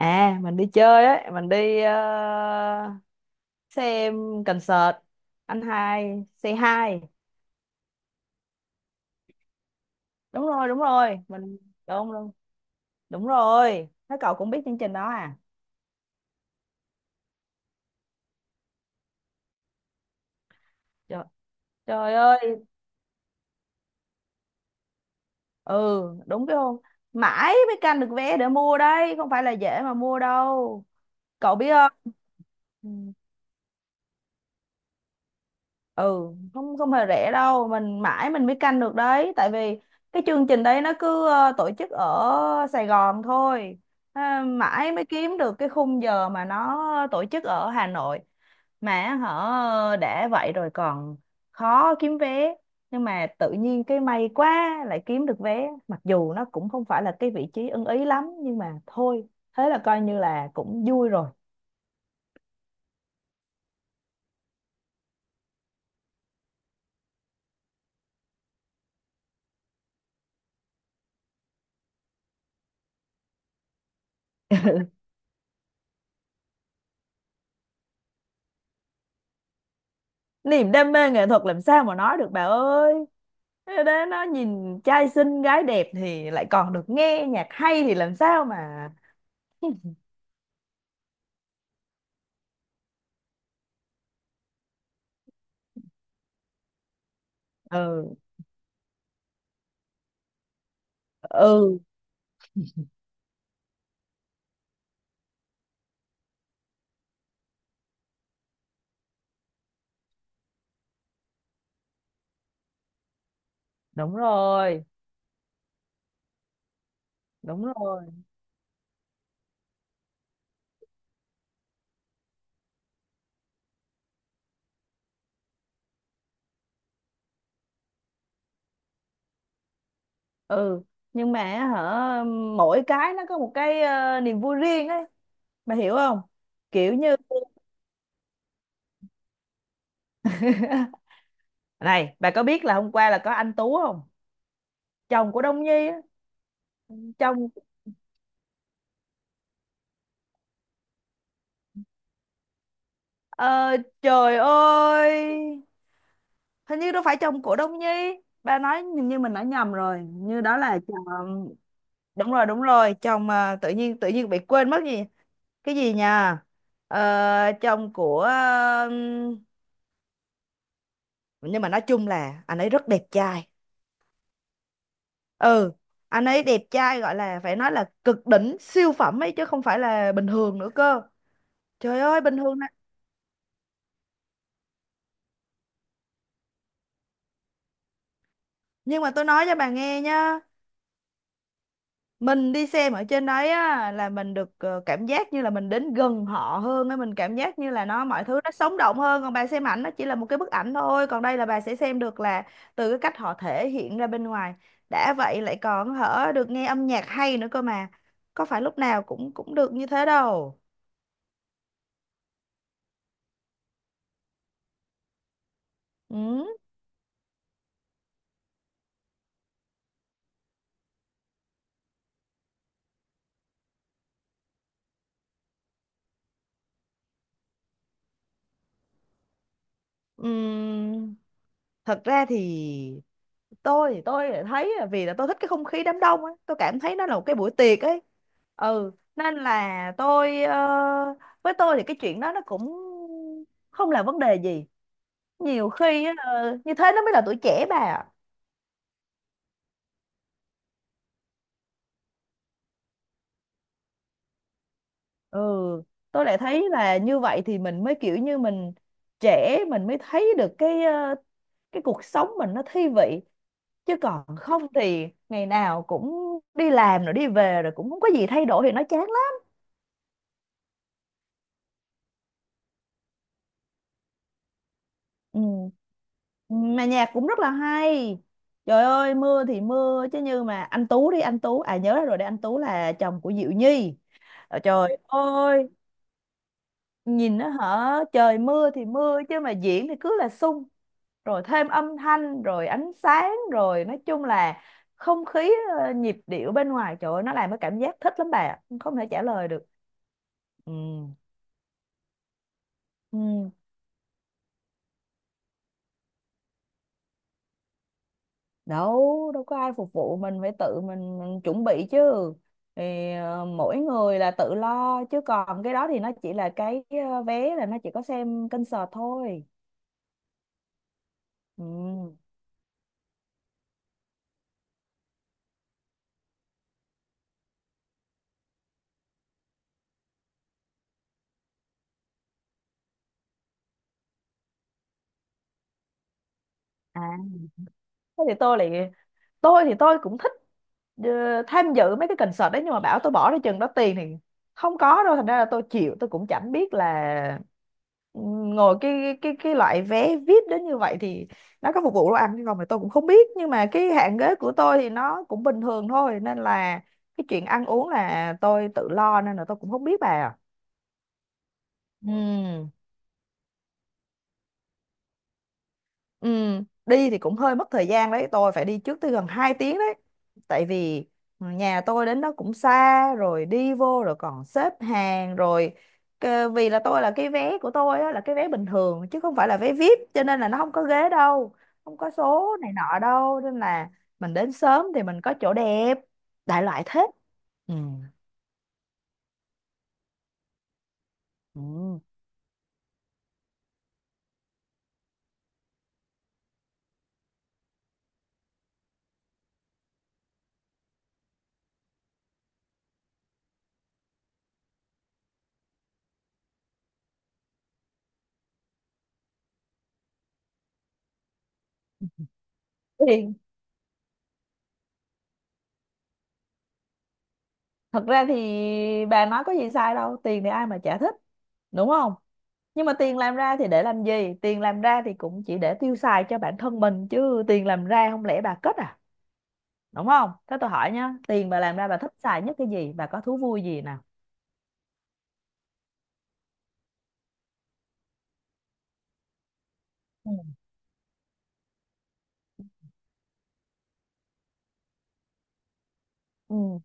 À, mình đi chơi ấy, mình đi xem concert anh hai C hai. Đúng rồi, mình, đúng đúng, đúng rồi. Thế cậu cũng biết chương trình đó à? Trời, trời ơi. Ừ, đúng cái không, mãi mới canh được vé để mua đấy, không phải là dễ mà mua đâu cậu biết không. Ừ. Ừ, không, không hề rẻ đâu, mình mãi mình mới canh được đấy, tại vì cái chương trình đấy nó cứ tổ chức ở Sài Gòn thôi. À, mãi mới kiếm được cái khung giờ mà nó tổ chức ở Hà Nội, mà họ đã vậy rồi còn khó kiếm vé, nhưng mà tự nhiên cái may quá lại kiếm được vé, mặc dù nó cũng không phải là cái vị trí ưng ý lắm, nhưng mà thôi, thế là coi như là cũng vui rồi. Niềm đam mê nghệ thuật làm sao mà nói được bà ơi. Thế đó, nó nhìn trai xinh gái đẹp thì lại còn được nghe nhạc hay thì làm sao mà. Ừ, ừ, đúng rồi, đúng rồi, ừ. Nhưng mà hả, mỗi cái nó có một cái niềm vui riêng ấy, bà hiểu không? Kiểu như này, bà có biết là hôm qua là có anh Tú không? Chồng của Đông Nhi á. Chồng. Ờ, trời ơi, hình như đâu phải chồng của Đông Nhi, ba nói, hình như mình nói nhầm rồi. Hình như đó là chồng. Đúng rồi, đúng rồi, chồng à, tự nhiên, tự nhiên bị quên mất gì. Cái gì nha. Ờ, chồng của, ừm, nhưng mà nói chung là anh ấy rất đẹp trai. Ừ, anh ấy đẹp trai gọi là phải nói là cực đỉnh siêu phẩm ấy, chứ không phải là bình thường nữa cơ. Trời ơi, bình thường này. Nhưng mà tôi nói cho bà nghe nhá, mình đi xem ở trên đấy á là mình được cảm giác như là mình đến gần họ hơn ấy, mình cảm giác như là nó, mọi thứ nó sống động hơn. Còn bà xem ảnh, nó chỉ là một cái bức ảnh thôi, còn đây là bà sẽ xem được là từ cái cách họ thể hiện ra bên ngoài. Đã vậy lại còn hở, được nghe âm nhạc hay nữa cơ mà, có phải lúc nào cũng cũng được như thế đâu. Ừ. Ừm, Thật ra thì tôi, thì tôi lại thấy là, vì là tôi thích cái không khí đám đông ấy, tôi cảm thấy nó là một cái buổi tiệc ấy. Ừ, nên là tôi với tôi thì cái chuyện đó nó cũng không là vấn đề gì. Nhiều khi á, như thế nó mới là tuổi trẻ bà ạ. Ừ, tôi lại thấy là như vậy thì mình mới kiểu như mình trẻ, mình mới thấy được cái cái cuộc sống mình nó thi vị. Chứ còn không thì ngày nào cũng đi làm rồi đi về rồi, cũng không có gì thay đổi thì nó chán lắm. Ừ, mà nhạc cũng rất là hay. Trời ơi, mưa thì mưa chứ, như mà anh Tú đi, anh Tú, à, nhớ ra rồi đấy, anh Tú là chồng của Diệu Nhi. Ờ, trời ơi, nhìn nó hả, trời mưa thì mưa chứ mà diễn thì cứ là sung. Rồi thêm âm thanh rồi ánh sáng, rồi nói chung là không khí, nhịp điệu bên ngoài, trời ơi, nó làm cái cảm giác thích lắm bà ạ. Không thể trả lời được. Ừ. Ừ. Đâu, đâu có ai phục vụ, mình phải tự mình chuẩn bị chứ. Thì mỗi người là tự lo, chứ còn cái đó thì nó chỉ là cái vé là nó chỉ có xem concert thôi. Ừ. À, thế thì tôi lại, tôi thì tôi cũng thích tham dự mấy cái concert đấy, nhưng mà bảo tôi bỏ ra chừng đó tiền thì không có đâu. Thành ra là tôi chịu, tôi cũng chẳng biết là, ừ, ngồi cái loại vé VIP đến như vậy thì nó có phục vụ đồ ăn hay không thì tôi cũng không biết. Nhưng mà cái hạng ghế của tôi thì nó cũng bình thường thôi, nên là cái chuyện ăn uống là tôi tự lo, nên là tôi cũng không biết bà. Ừ. Ừ, đi thì cũng hơi mất thời gian đấy, tôi phải đi trước tới gần 2 tiếng đấy. Tại vì nhà tôi đến đó cũng xa, rồi đi vô rồi còn xếp hàng rồi. Cơ-, vì là tôi là cái vé của tôi á, là cái vé bình thường chứ không phải là vé VIP, cho nên là nó không có ghế đâu, không có số này nọ đâu, nên là mình đến sớm thì mình có chỗ đẹp, đại loại thế. Ừ. Ừ. Thì thật ra thì bà nói có gì sai đâu, tiền thì ai mà chả thích, đúng không? Nhưng mà tiền làm ra thì để làm gì? Tiền làm ra thì cũng chỉ để tiêu xài cho bản thân mình chứ, tiền làm ra không lẽ bà cất à? Đúng không? Thế tôi hỏi nhá, tiền bà làm ra bà thích xài nhất cái gì, bà có thú vui gì nào? Ừ. Ừ.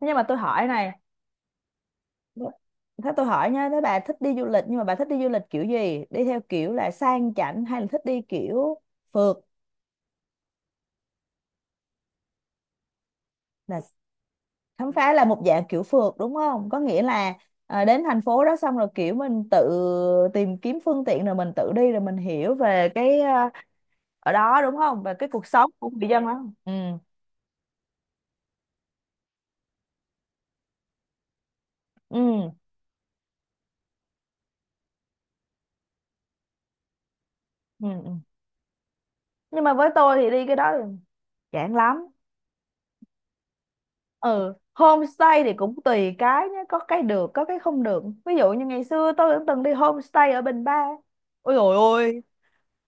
Thế nhưng mà tôi hỏi này, thế tôi hỏi nhá, thế bà thích đi du lịch, nhưng mà bà thích đi du lịch kiểu gì, đi theo kiểu là sang chảnh hay là thích đi kiểu phượt? Là khám phá, là một dạng kiểu phượt đúng không, có nghĩa là à, đến thành phố đó xong rồi kiểu mình tự tìm kiếm phương tiện rồi mình tự đi, rồi mình hiểu về cái à, ở đó đúng không, về cái cuộc sống của người dân đó. Ừ, ừ, ừ, ừ. Nhưng mà với tôi thì đi cái đó thì chán lắm. Ừ, homestay thì cũng tùy cái nhé, có cái được có cái không được. Ví dụ như ngày xưa tôi cũng từng đi homestay ở Bình Ba, ôi dồi ôi,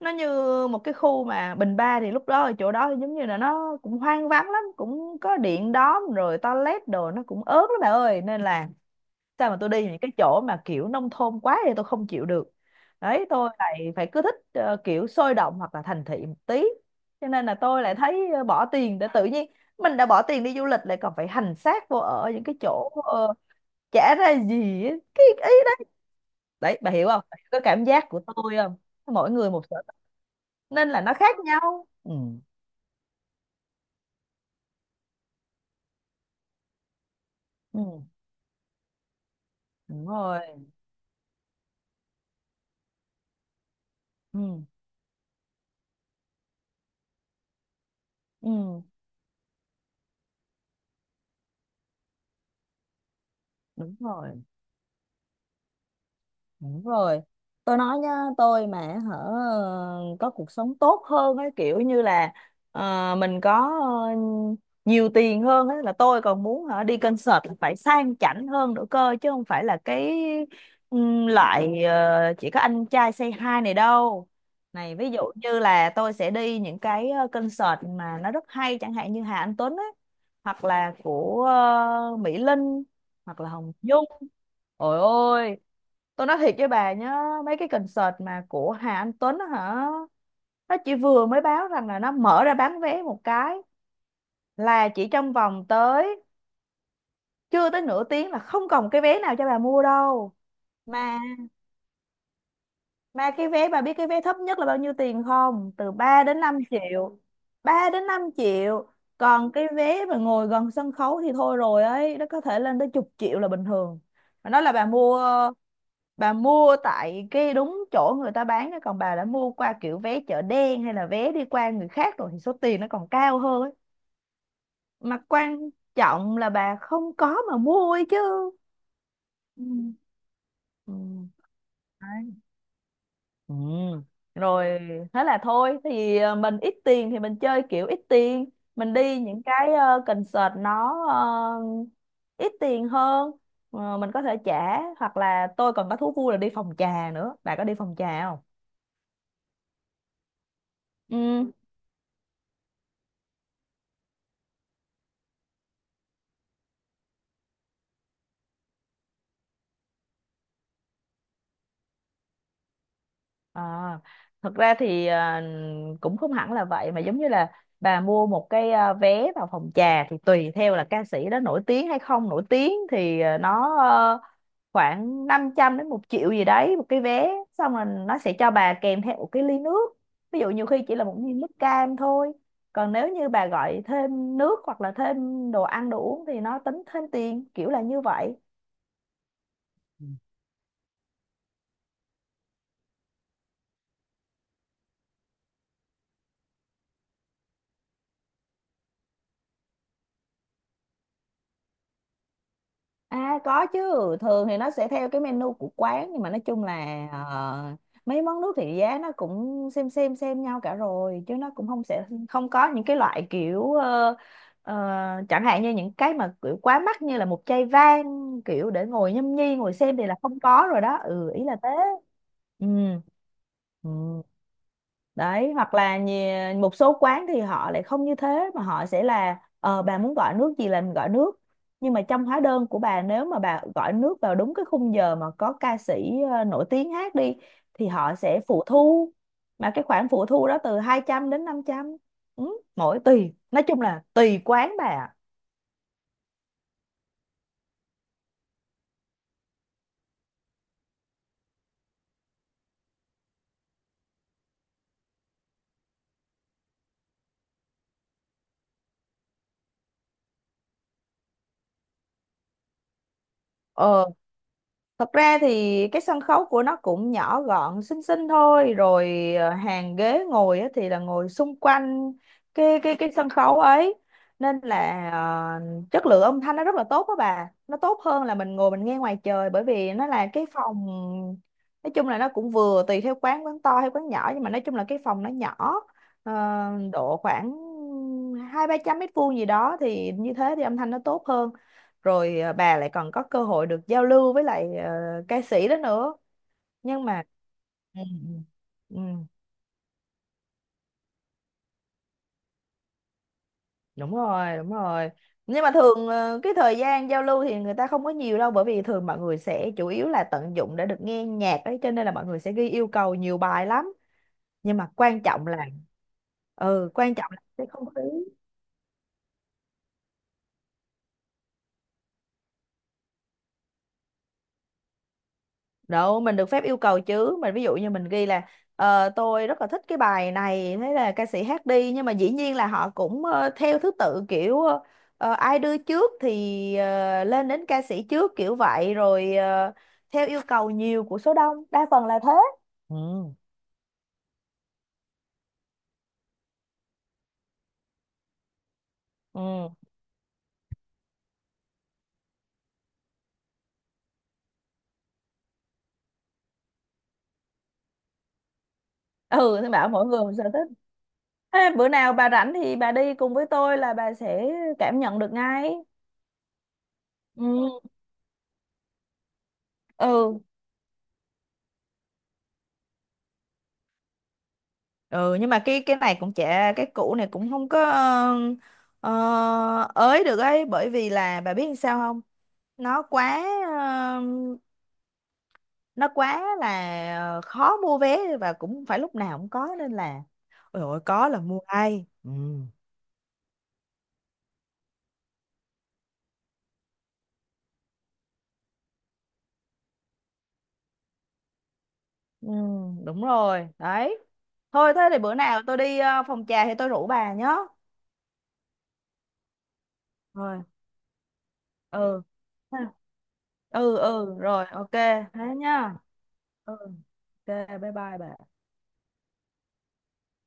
nó như một cái khu mà Bình Ba thì lúc đó ở chỗ đó giống như là nó cũng hoang vắng lắm, cũng có điện đóm, rồi toilet đồ nó cũng ớt lắm bà ơi, nên là sao mà, tôi đi những cái chỗ mà kiểu nông thôn quá thì tôi không chịu được. Đấy, tôi lại phải cứ thích kiểu sôi động hoặc là thành thị một tí. Cho nên là tôi lại thấy bỏ tiền để, tự nhiên mình đã bỏ tiền đi du lịch lại còn phải hành xác vô ở những cái chỗ chả ra gì ấy, cái ý đấy bà hiểu không? Bà hiểu cái cảm giác của tôi không? Mỗi người một sở thích nên là nó khác nhau. Ừ, ừ, đúng rồi, ừ, ừ, đúng rồi. Đúng rồi. Tôi nói nhá, tôi mà hở có cuộc sống tốt hơn ấy, kiểu như là mình có nhiều tiền hơn ấy, là tôi còn muốn hả, đi concert là phải sang chảnh hơn nữa cơ, chứ không phải là cái loại chỉ có anh trai say hi này đâu. Này ví dụ như là tôi sẽ đi những cái concert mà nó rất hay, chẳng hạn như Hà Anh Tuấn ấy, hoặc là của Mỹ Linh, hoặc là Hồng Nhung. Ôi ôi, tôi nói thiệt với bà nhá, mấy cái concert mà của Hà Anh Tuấn á hả, nó chỉ vừa mới báo rằng là nó mở ra bán vé một cái là chỉ trong vòng tới, chưa tới nửa tiếng là không còn cái vé nào cho bà mua đâu. Mà Mà cái vé bà biết cái vé thấp nhất là bao nhiêu tiền không? Từ 3 đến 5 triệu. 3 đến 5 triệu. Còn cái vé mà ngồi gần sân khấu thì thôi rồi ấy, nó có thể lên tới chục triệu là bình thường. Mà nói là bà mua, bà mua tại cái đúng chỗ người ta bán á, còn bà đã mua qua kiểu vé chợ đen hay là vé đi qua người khác rồi thì số tiền nó còn cao hơn ấy. Mà quan trọng là bà không có mà mua ấy chứ. Ừ. Ừ ừ rồi Thế là thôi. Tại vì mình ít tiền thì mình chơi kiểu ít tiền, mình đi những cái concert nó ờ, ít tiền hơn. Ờ, mình có thể trả, hoặc là tôi còn có thú vui là đi phòng trà nữa, bà có đi phòng trà không? Ừ. À, thật ra thì cũng không hẳn là vậy, mà giống như là bà mua một cái vé vào phòng trà thì tùy theo là ca sĩ đó nổi tiếng hay không nổi tiếng thì nó khoảng 500 đến một triệu gì đấy một cái vé, xong rồi nó sẽ cho bà kèm theo một cái ly nước, ví dụ nhiều khi chỉ là một ly nước cam thôi. Còn nếu như bà gọi thêm nước hoặc là thêm đồ ăn đồ uống thì nó tính thêm tiền kiểu là như vậy. À có chứ, thường thì nó sẽ theo cái menu của quán, nhưng mà nói chung là mấy món nước thì giá nó cũng xem nhau cả rồi, chứ nó cũng không sẽ không có những cái loại kiểu ờ, chẳng hạn như những cái mà kiểu quá mắc như là một chai vang kiểu để ngồi nhâm nhi ngồi xem thì là không có rồi đó. Ừ, ý là thế. Ừ. Ừ. Đấy, hoặc là một số quán thì họ lại không như thế, mà họ sẽ là ờ bà muốn gọi nước gì là mình gọi nước, nhưng mà trong hóa đơn của bà, nếu mà bà gọi nước vào đúng cái khung giờ mà có ca sĩ nổi tiếng hát đi thì họ sẽ phụ thu, mà cái khoản phụ thu đó từ 200 đến 500, ừ, mỗi tùy nói chung là tùy quán bà ạ. Ờ. Thật ra thì cái sân khấu của nó cũng nhỏ gọn xinh xinh thôi, rồi hàng ghế ngồi á thì là ngồi xung quanh cái sân khấu ấy, nên là chất lượng âm thanh nó rất là tốt đó bà, nó tốt hơn là mình ngồi mình nghe ngoài trời, bởi vì nó là cái phòng, nói chung là nó cũng vừa tùy theo quán, quán to hay quán nhỏ, nhưng mà nói chung là cái phòng nó nhỏ, ờ, độ khoảng hai ba trăm mét vuông gì đó, thì như thế thì âm thanh nó tốt hơn. Rồi à, bà lại còn có cơ hội được giao lưu với lại ca sĩ đó nữa. Nhưng mà ừ, ừ, ừ, đúng rồi đúng rồi. Nhưng mà thường ờ, cái thời gian giao lưu thì người ta không có nhiều đâu, bởi vì thường mọi người sẽ chủ yếu là tận dụng để được nghe nhạc ấy, cho nên là mọi người sẽ ghi yêu cầu nhiều bài lắm. Nhưng mà quan trọng là, quan trọng là cái không khí. Đâu, mình được phép yêu cầu chứ. Mình ví dụ như mình ghi là tôi rất là thích cái bài này, thế là ca sĩ hát đi, nhưng mà dĩ nhiên là họ cũng theo thứ tự kiểu ai đưa trước thì lên đến ca sĩ trước kiểu vậy, rồi theo yêu cầu nhiều của số đông, đa phần là thế. Ừ. Ừ. Ừ, thế bảo mỗi người một sở thích. Ê, bữa nào bà rảnh thì bà đi cùng với tôi là bà sẽ cảm nhận được ngay. Ừ. Ừ. Ừ, nhưng mà cái này cũng chả, cái cũ này cũng không có ờ, ới được ấy, bởi vì là bà biết làm sao không, nó quá nó quá là khó mua vé, và cũng phải lúc nào cũng có, nên là ôi dồi ôi, có là mua ai, ừ. Ừ, đúng rồi đấy. Thôi thế thì bữa nào tôi đi phòng trà thì tôi rủ bà nhé. Rồi. Ừ, ừ rồi, ok. Thế nhá. Ừ. Ok. Bye bye bà.